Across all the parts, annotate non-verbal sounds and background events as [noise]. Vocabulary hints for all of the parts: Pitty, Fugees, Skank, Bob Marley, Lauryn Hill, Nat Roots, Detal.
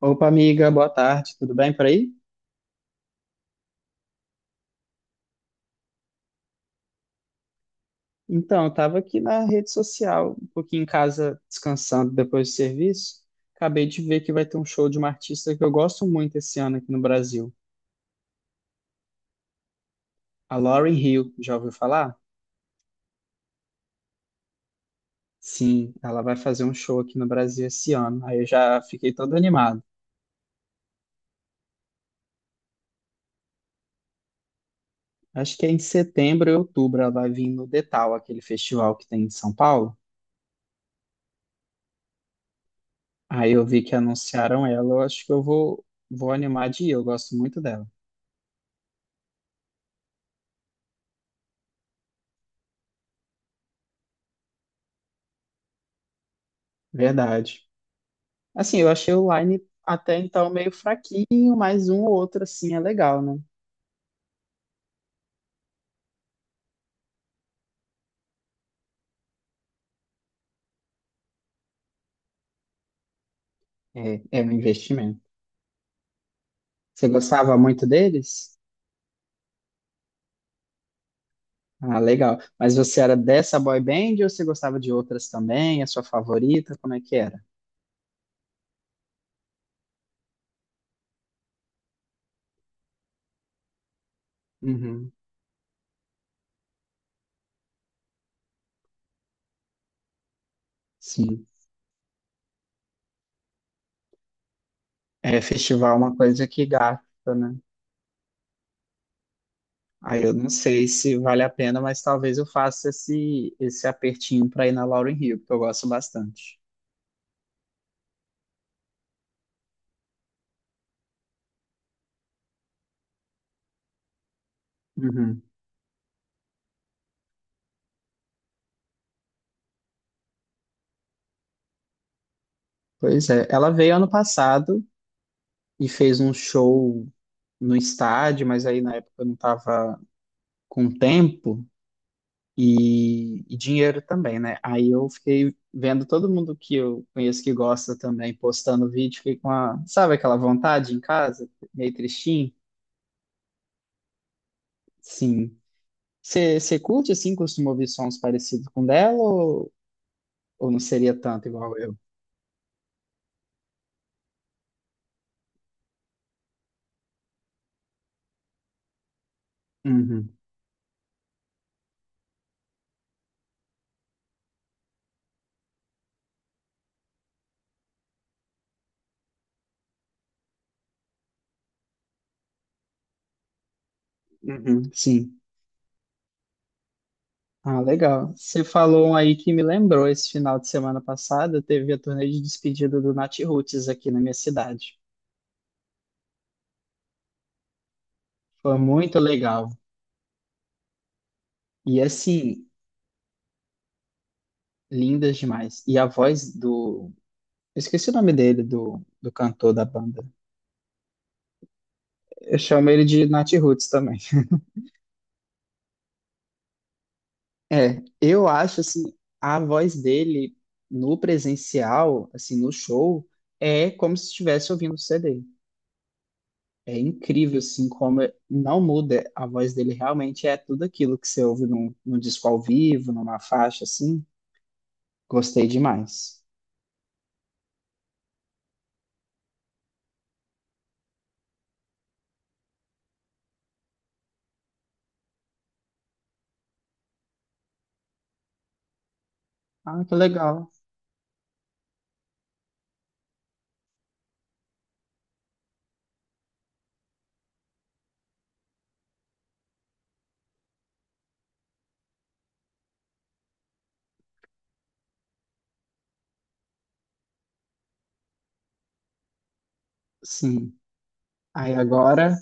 Opa, amiga, boa tarde, tudo bem por aí? Então, eu estava aqui na rede social, um pouquinho em casa, descansando depois do serviço. Acabei de ver que vai ter um show de uma artista que eu gosto muito esse ano aqui no Brasil, a Lauryn Hill. Já ouviu falar? Sim, ela vai fazer um show aqui no Brasil esse ano. Aí eu já fiquei todo animado. Acho que é em setembro ou outubro ela vai vir no Detal, aquele festival que tem em São Paulo. Aí eu vi que anunciaram ela, eu acho que eu vou animar de ir, eu gosto muito dela. Verdade. Assim, eu achei o Line até então meio fraquinho, mas um ou outro assim é legal, né? É um investimento. Você gostava muito deles? Ah, legal. Mas você era dessa boy band ou você gostava de outras também? A sua favorita? Como é que era? Uhum, sim. É, festival é uma coisa que gasta, né? Aí eu não sei se vale a pena, mas talvez eu faça esse apertinho para ir na Lauryn Hill, porque eu gosto bastante. Uhum. Pois é, ela veio ano passado e fez um show no estádio, mas aí na época eu não estava com tempo e dinheiro também, né? Aí eu fiquei vendo todo mundo que eu conheço que gosta também postando vídeo, fiquei com a, sabe aquela vontade em casa, meio tristinho? Sim. Você curte assim, costuma ouvir sons parecidos com dela ou não seria tanto igual eu? Uhum, uhum, sim. Ah, legal. Você falou um aí que me lembrou, esse final de semana passada teve a turnê de despedida do Nat Roots aqui na minha cidade. Foi muito legal. E assim, lindas demais. E a voz do. Eu esqueci o nome dele, do cantor da banda. Eu chamo ele de Nat Roots também. [laughs] É, eu acho assim, a voz dele no presencial, assim, no show, é como se estivesse ouvindo o CD. É incrível, assim, como não muda a voz dele realmente, é tudo aquilo que você ouve num, num disco ao vivo, numa faixa, assim. Gostei demais. Ah, que legal. Sim. Aí agora.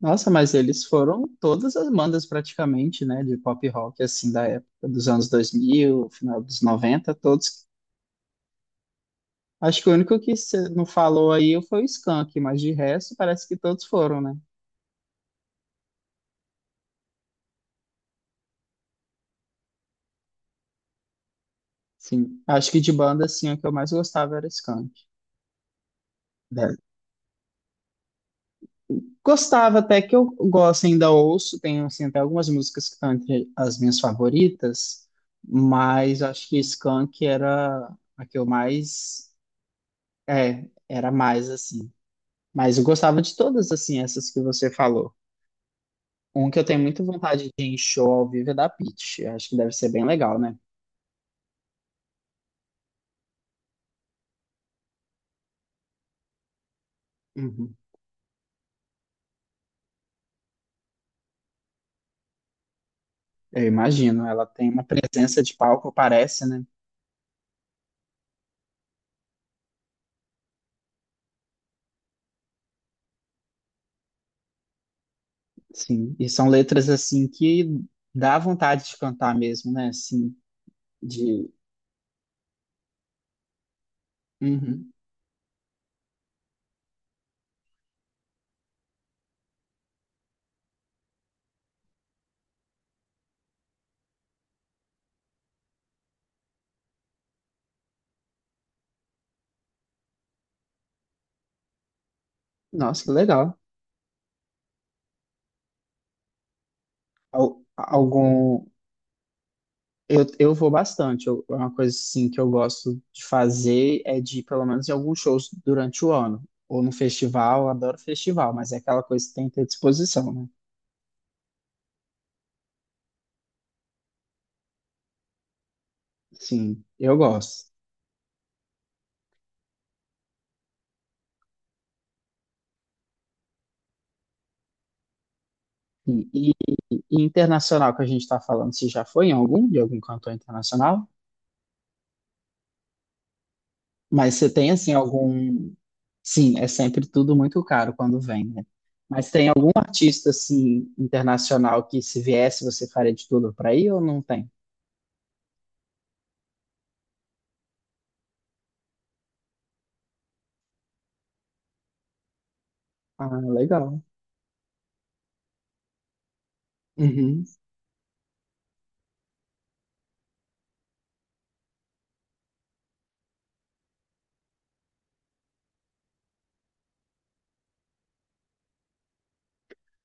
Nossa, mas eles foram todas as bandas praticamente, né, de pop rock, assim, da época dos anos 2000, final dos noventa. Todos. Acho que o único que você não falou aí foi o Skank, mas de resto parece que todos foram, né? Sim, acho que de banda, assim, a que eu mais gostava era Skank. Né? Gostava até que eu gosto, ainda ouço, tenho, assim, até algumas músicas que estão entre as minhas favoritas, mas acho que Skank era a que eu mais, é, era mais, assim, mas eu gostava de todas, assim, essas que você falou. Um que eu tenho muita vontade de ir em show ao vivo é da Pitty. Eu acho que deve ser bem legal, né? Uhum. Eu imagino. Ela tem uma presença de palco, parece, né? Sim. E são letras, assim, que dá vontade de cantar mesmo, né? Assim, de... Uhum. Nossa, que legal. Al- algum, eu vou bastante. Eu, é uma coisa assim que eu gosto de fazer é de ir, pelo menos, em alguns shows durante o ano. Ou no festival, eu adoro festival, mas é aquela coisa que tem que ter disposição, né? Sim, eu gosto. E, e- e internacional que a gente está falando, se já foi em algum, de algum cantor internacional? Mas você tem, assim, algum. Sim, é sempre tudo muito caro quando vem, né? Mas tem algum artista, assim, internacional que se viesse você faria de tudo para ir ou não tem? Ah, legal. Uhum.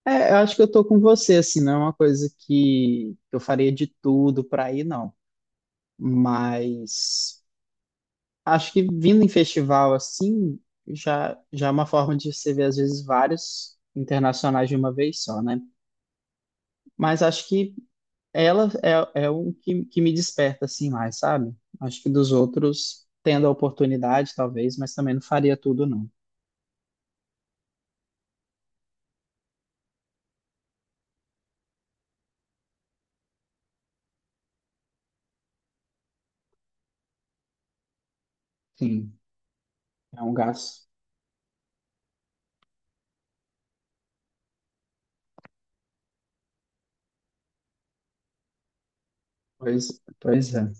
É, eu acho que eu tô com você, assim, não é uma coisa que eu faria de tudo pra ir, não. Mas acho que vindo em festival assim, já é uma forma de você ver, às vezes, vários internacionais de uma vez só, né? Mas acho que ela é um que me desperta, assim, mais, sabe? Acho que dos outros, tendo a oportunidade, talvez, mas também não faria tudo, não. Sim, é um gasto. Pois é.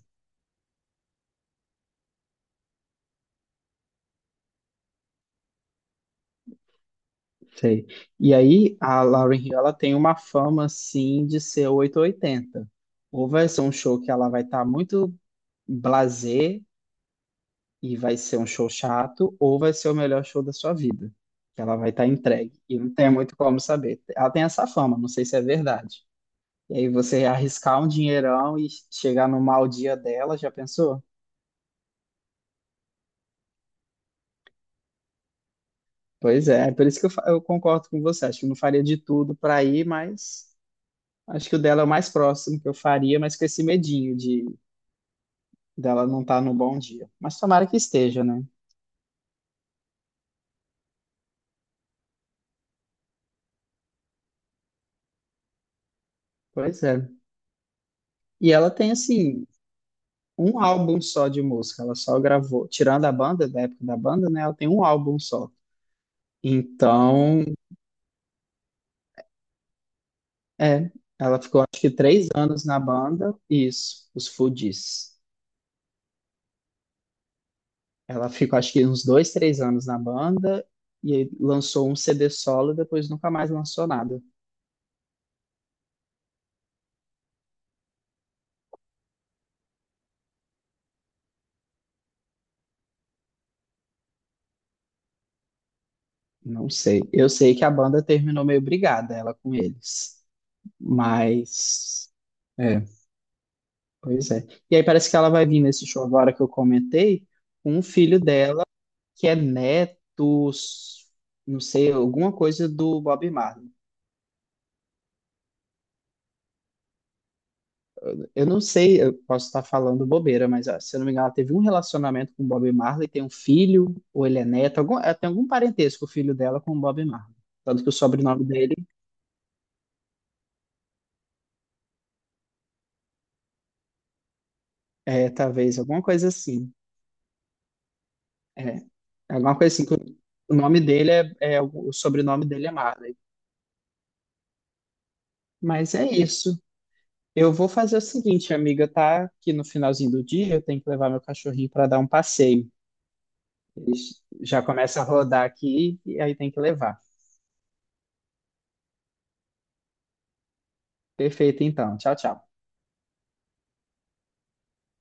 Sei. E aí, a Lauryn Hill, ela tem uma fama, assim, de ser oito ou oitenta. Ou vai ser um show que ela vai estar muito blasé e vai ser um show chato, ou vai ser o melhor show da sua vida, que ela vai estar entregue. E não tem muito como saber. Ela tem essa fama, não sei se é verdade. E aí você arriscar um dinheirão e chegar no mau dia dela, já pensou? Pois é, é por isso que eu concordo com você. Acho que eu não faria de tudo para ir, mas... Acho que o dela é o mais próximo que eu faria, mas com esse medinho dela não tá no bom dia. Mas tomara que esteja, né? Pois é. E ela tem, assim, um álbum só de música. Ela só gravou, tirando a banda, da época da banda, né? Ela tem um álbum só. Então, é. Ela ficou, acho que, 3 anos na banda. Isso, os Fugees. Ela ficou, acho que, uns 2, 3 anos na banda. E aí lançou um CD solo depois nunca mais lançou nada. Não sei. Eu sei que a banda terminou meio brigada, ela com eles. Mas. É, pois é. E aí parece que ela vai vir nesse show agora que eu comentei, com um filho dela que é neto, s- não sei, alguma coisa do Bob Marley. Eu não sei, eu posso estar falando bobeira, mas ó, se eu não me engano, ela teve um relacionamento com o Bob Marley, tem um filho, ou ele é neto, algum, ela tem algum parentesco o filho dela com o Bob Marley. Tanto que o sobrenome dele é talvez alguma coisa assim. É, alguma coisa assim, que o nome dele é, é o sobrenome dele é Marley. Mas é isso. Eu vou fazer o seguinte, amiga, tá? Que no finalzinho do dia eu tenho que levar meu cachorrinho para dar um passeio. Ele já começa a rodar aqui e aí tem que levar. Perfeito, então. Tchau, tchau.